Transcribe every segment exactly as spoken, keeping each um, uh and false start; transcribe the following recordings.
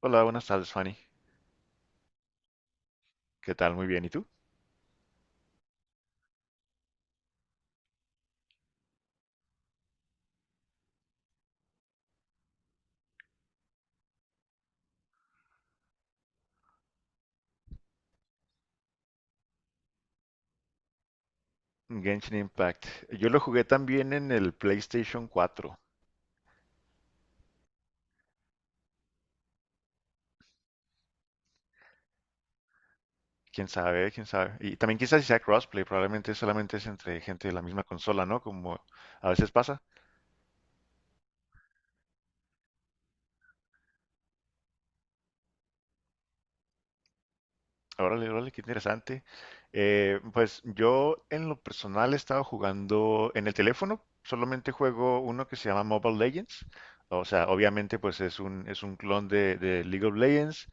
Hola, buenas tardes, Fanny. ¿Qué tal? Muy bien. ¿Y tú? Genshin Impact. Yo lo jugué también en el PlayStation cuatro. Quién sabe, quién sabe. Y también quizás si sea crossplay, probablemente solamente es entre gente de la misma consola, ¿no? Como a veces pasa. Órale, órale, qué interesante. Eh, pues yo en lo personal he estado jugando en el teléfono, solamente juego uno que se llama Mobile Legends. O sea, obviamente pues es un, es un clon de, de League of Legends.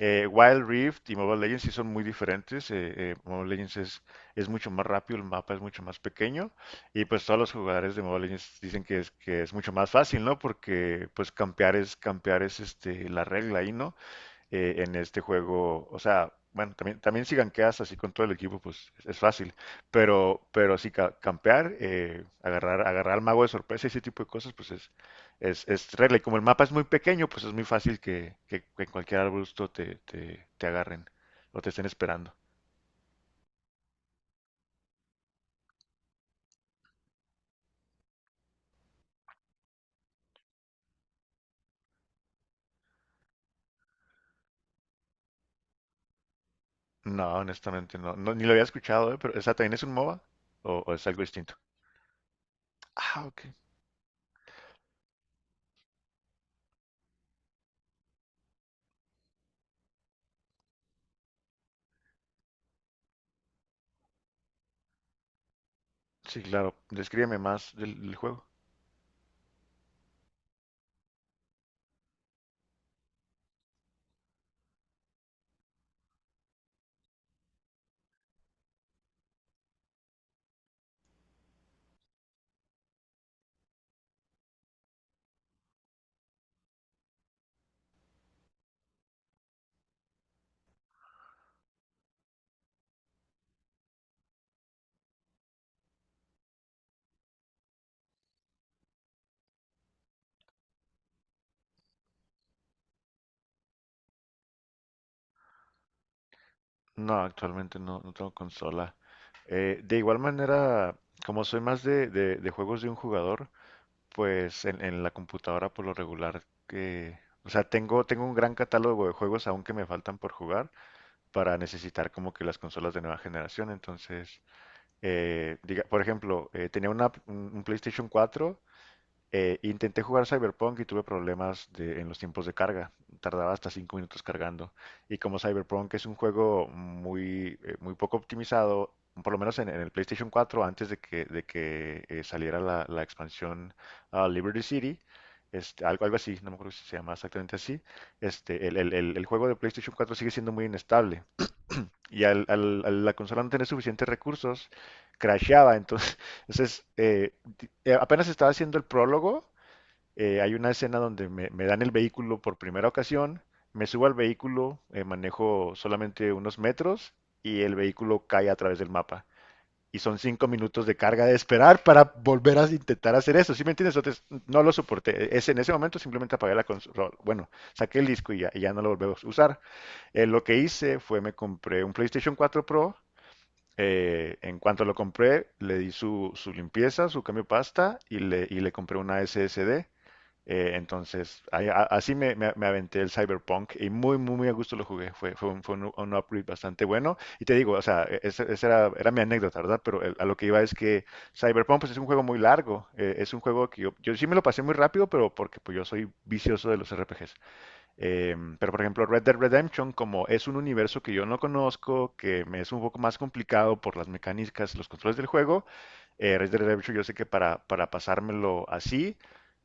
Eh, Wild Rift y Mobile Legends sí son muy diferentes. eh, eh, Mobile Legends es, es mucho más rápido, el mapa es mucho más pequeño. Y pues todos los jugadores de Mobile Legends dicen que es, que es mucho más fácil, ¿no? Porque pues campear es, campear es este, la regla ahí, ¿no? eh, en este juego. O sea, bueno, también, también si ganqueas así con todo el equipo, pues es, es fácil. Pero, pero sí, ca- campear, eh, agarrar, agarrar al mago de sorpresa y ese tipo de cosas, pues es, es, es regla. Y como el mapa es muy pequeño, pues es muy fácil que, que, que en cualquier arbusto te, te, te agarren o te estén esperando. No, honestamente no. No, ni lo había escuchado, ¿eh? Pero, ¿esa también es un MOBA? ¿O, o es algo distinto? Ah, ok. Sí, claro. Descríbeme más del, del juego. No, actualmente no, no tengo consola. Eh, de igual manera, como soy más de, de- de juegos de un jugador, pues en, en la computadora por lo regular que... O sea, tengo, tengo un gran catálogo de juegos aún que me faltan por jugar para necesitar como que las consolas de nueva generación. Entonces, eh, diga, por ejemplo, eh, tenía una, un un PlayStation cuatro. Eh, intenté jugar Cyberpunk y tuve problemas de- en los tiempos de carga. Tardaba hasta cinco minutos cargando. Y como Cyberpunk es un juego muy, eh, muy poco optimizado, por lo menos en, en el PlayStation cuatro, antes de que, de que eh, saliera la, la expansión ah, Liberty City, este, algo, algo así, no me acuerdo si se llama exactamente así, este, el, el- el- el juego de PlayStation cuatro sigue siendo muy inestable. Y al, al- a la consola no tener suficientes recursos, crasheaba. Entonces, entonces eh, di- eh, apenas estaba haciendo el prólogo. Eh, hay una escena donde me, me dan el vehículo por primera ocasión, me subo al vehículo, eh, manejo solamente unos metros y el vehículo cae a través del mapa. Y son cinco minutos de carga de esperar para volver a intentar hacer eso. ¿Sí me entiendes? Entonces, no lo soporté. Es, en ese momento simplemente apagué la consola. Bueno, saqué el disco y ya, y ya no lo volvemos a usar. Eh, lo que hice fue me compré un PlayStation cuatro Pro. Eh, en cuanto lo compré, le di su, su limpieza, su cambio de pasta y le, y le compré una S S D. Eh, entonces, ahí- a- así me, me- me aventé el Cyberpunk y muy, muy, muy a gusto lo jugué. Fue, fue un, fue un- un upgrade bastante bueno. Y te digo, o sea, e- esa, esa era, era mi anécdota, ¿verdad? Pero el- a lo que iba es que Cyberpunk pues, es un juego muy largo. Eh, es un juego que yo, yo sí me lo pasé muy rápido, pero porque pues, yo soy vicioso de los R P Gs. Em, pero por ejemplo, Red Dead Redemption, como es un universo que yo no conozco, que me es un poco más complicado por las mecánicas, los controles del juego, eh, Red Dead Redemption, yo sé que para, para pasármelo así,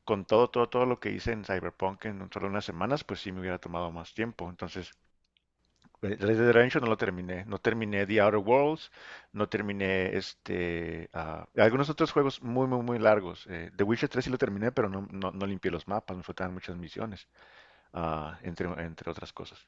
con todo, todo, todo lo que hice en Cyberpunk en solo unas semanas, pues sí me hubiera tomado más tiempo. Entonces, Red Dead Redemption no lo terminé. No terminé The Outer Worlds, no terminé este, ah, algunos otros juegos muy, muy, muy largos. Eh, The Witcher tres sí lo terminé, pero no, no, no limpié los mapas, me faltaban muchas misiones, ah, entre, entre otras cosas.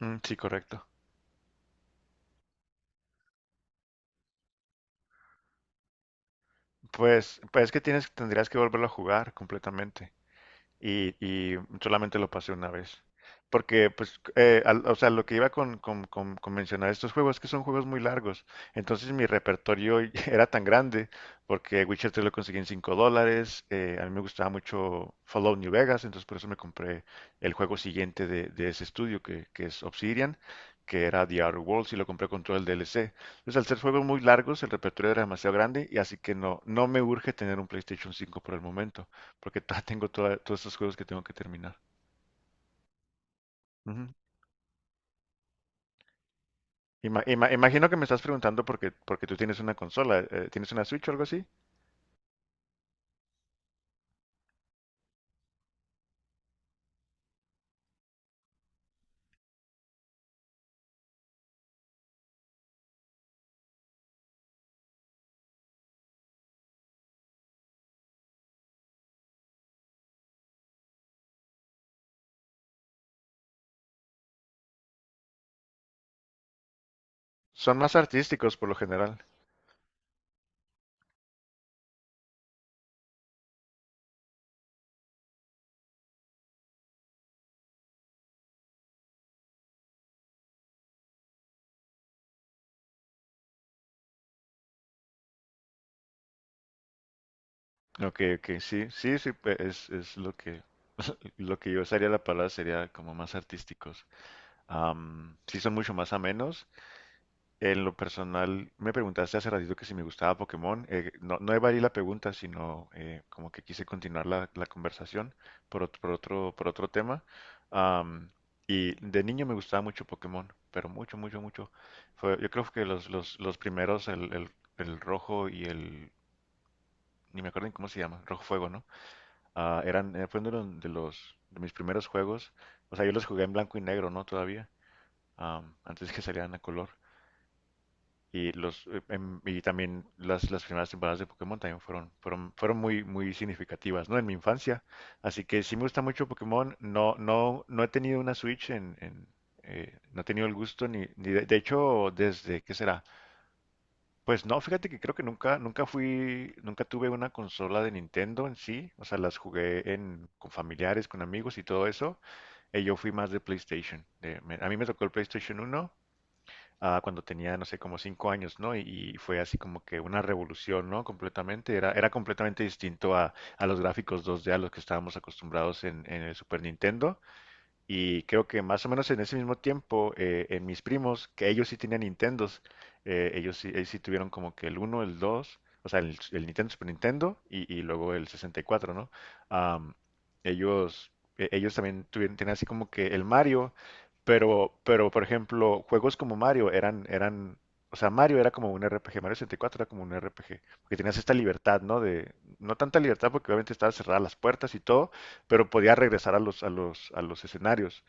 Mm, sí, correcto. Pues, pues es que tienes, tendrías que volverlo a jugar completamente. Y, y solamente lo pasé una vez. Porque, pues, eh, al- o sea, lo que iba con, con, con- con mencionar estos juegos es que son juegos muy largos. Entonces mi repertorio era tan grande, porque Witcher tres lo conseguí en cinco dólares. Eh, a mí me gustaba mucho Fallout New Vegas, entonces por eso me compré el juego siguiente de, de ese estudio, que, que es Obsidian, que era The Outer Worlds, y lo compré con todo el D L C. Entonces, al ser juegos muy largos, el repertorio era demasiado grande, y así que no, no me urge tener un PlayStation cinco por el momento porque todavía tengo toda- todos estos juegos que tengo que terminar. Ujú. Ima- ima- imagino que me estás preguntando porque, porque tú tienes una consola, eh, ¿tienes una Switch o algo así? Son más artísticos por lo general. Ok, ok, sí, sí, sí, pe- es, es lo que, lo que yo usaría la palabra sería como más artísticos. Am, sí, son mucho más amenos. En lo personal, me preguntaste hace ratito que si me gustaba Pokémon. Eh, no, no evadí la pregunta, sino eh, como que quise continuar la, la conversación por otro, por otro, por otro tema. Am, y de niño me gustaba mucho Pokémon, pero mucho, mucho, mucho. Fue, yo creo que los, los, los primeros, el, el, el rojo y el... Ni me acuerdo ni cómo se llama, rojo fuego, ¿no? Ah, eran, eh, fue uno de los, de los- de mis primeros juegos. O sea, yo los jugué en blanco y negro, ¿no? Todavía, am, antes que salieran a color. Y, los, eh, em, y también las, las primeras temporadas de Pokémon también fueron, fueron, fueron muy, muy significativas, ¿no? En mi infancia. Así que sí me gusta mucho Pokémon. No, no, no he tenido una Switch en, en, eh, No he tenido el gusto ni, ni de, de hecho, desde, ¿qué será? Pues no, fíjate que creo que nunca, nunca fui, nunca tuve una consola de Nintendo en sí. O sea, las jugué en, con familiares, con amigos y todo eso. Eh, yo fui más de PlayStation. De- me- a mí me tocó el PlayStation uno ah, cuando tenía, no sé, como cinco años, ¿no? Y, y fue así como que una revolución, ¿no? Completamente, era, era completamente distinto a, a los gráficos dos d a los que estábamos acostumbrados en, en el Super Nintendo. Y creo que más o menos en ese mismo tiempo, eh, en mis primos, que ellos sí tenían Nintendos, eh, ellos sí, ellos sí tuvieron como que el uno el dos, o sea, el, el Nintendo Super Nintendo y, y luego el sesenta y cuatro, ¿no? Am, ellos, e- ellos también tuvieron, tenían así como que el Mario, pero, pero por ejemplo, juegos como Mario eran, eran, o sea, Mario era como un R P G, Mario sesenta y cuatro era como un R P G, porque tenías esta libertad, ¿no? De, no tanta libertad porque obviamente estaban cerradas las puertas y todo, pero podía regresar a los, a los, a los escenarios.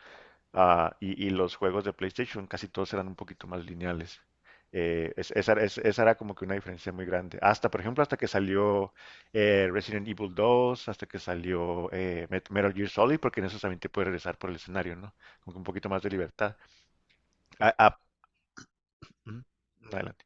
Ah, y, y los juegos de PlayStation casi todos eran un poquito más lineales. Eh, es- esa, es- esa era como que una diferencia muy grande. Hasta, por ejemplo, hasta que salió eh, Resident Evil dos, hasta que salió eh, Met- Metal Gear Solid, porque en eso también te puedes regresar por el escenario, ¿no? Con un poquito más de libertad. Ah, ah, Ujú, adelante.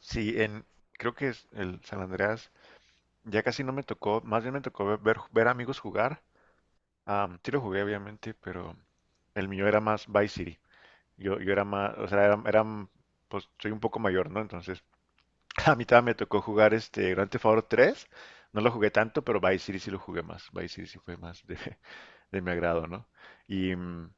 Sí, en, creo que es el San Andreas ya casi no me tocó, más bien me tocó ver, ver- ver amigos jugar. Am, sí lo jugué, obviamente, pero el mío era más Vice City. Yo, yo era más, o sea, era, era, pues soy un poco mayor, ¿no? Entonces, a mí también me tocó jugar este Grand Theft Auto tres. No lo jugué tanto, pero Vice City sí lo jugué más. Vice City sí fue más de, de mi agrado, ¿no? Y mm,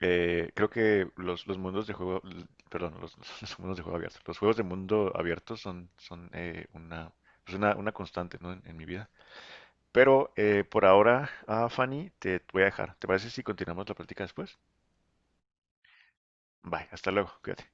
eh, creo que los, los mundos de juego, l- perdón, los, los mundos de juego abierto, los juegos de mundo abierto son, son eh, una, pues, una, una constante, ¿no? en en mi vida. Pero eh, por ahora, ah, Fanny, te voy a dejar. ¿Te parece si continuamos la práctica después? Bye, hasta luego, cuídate.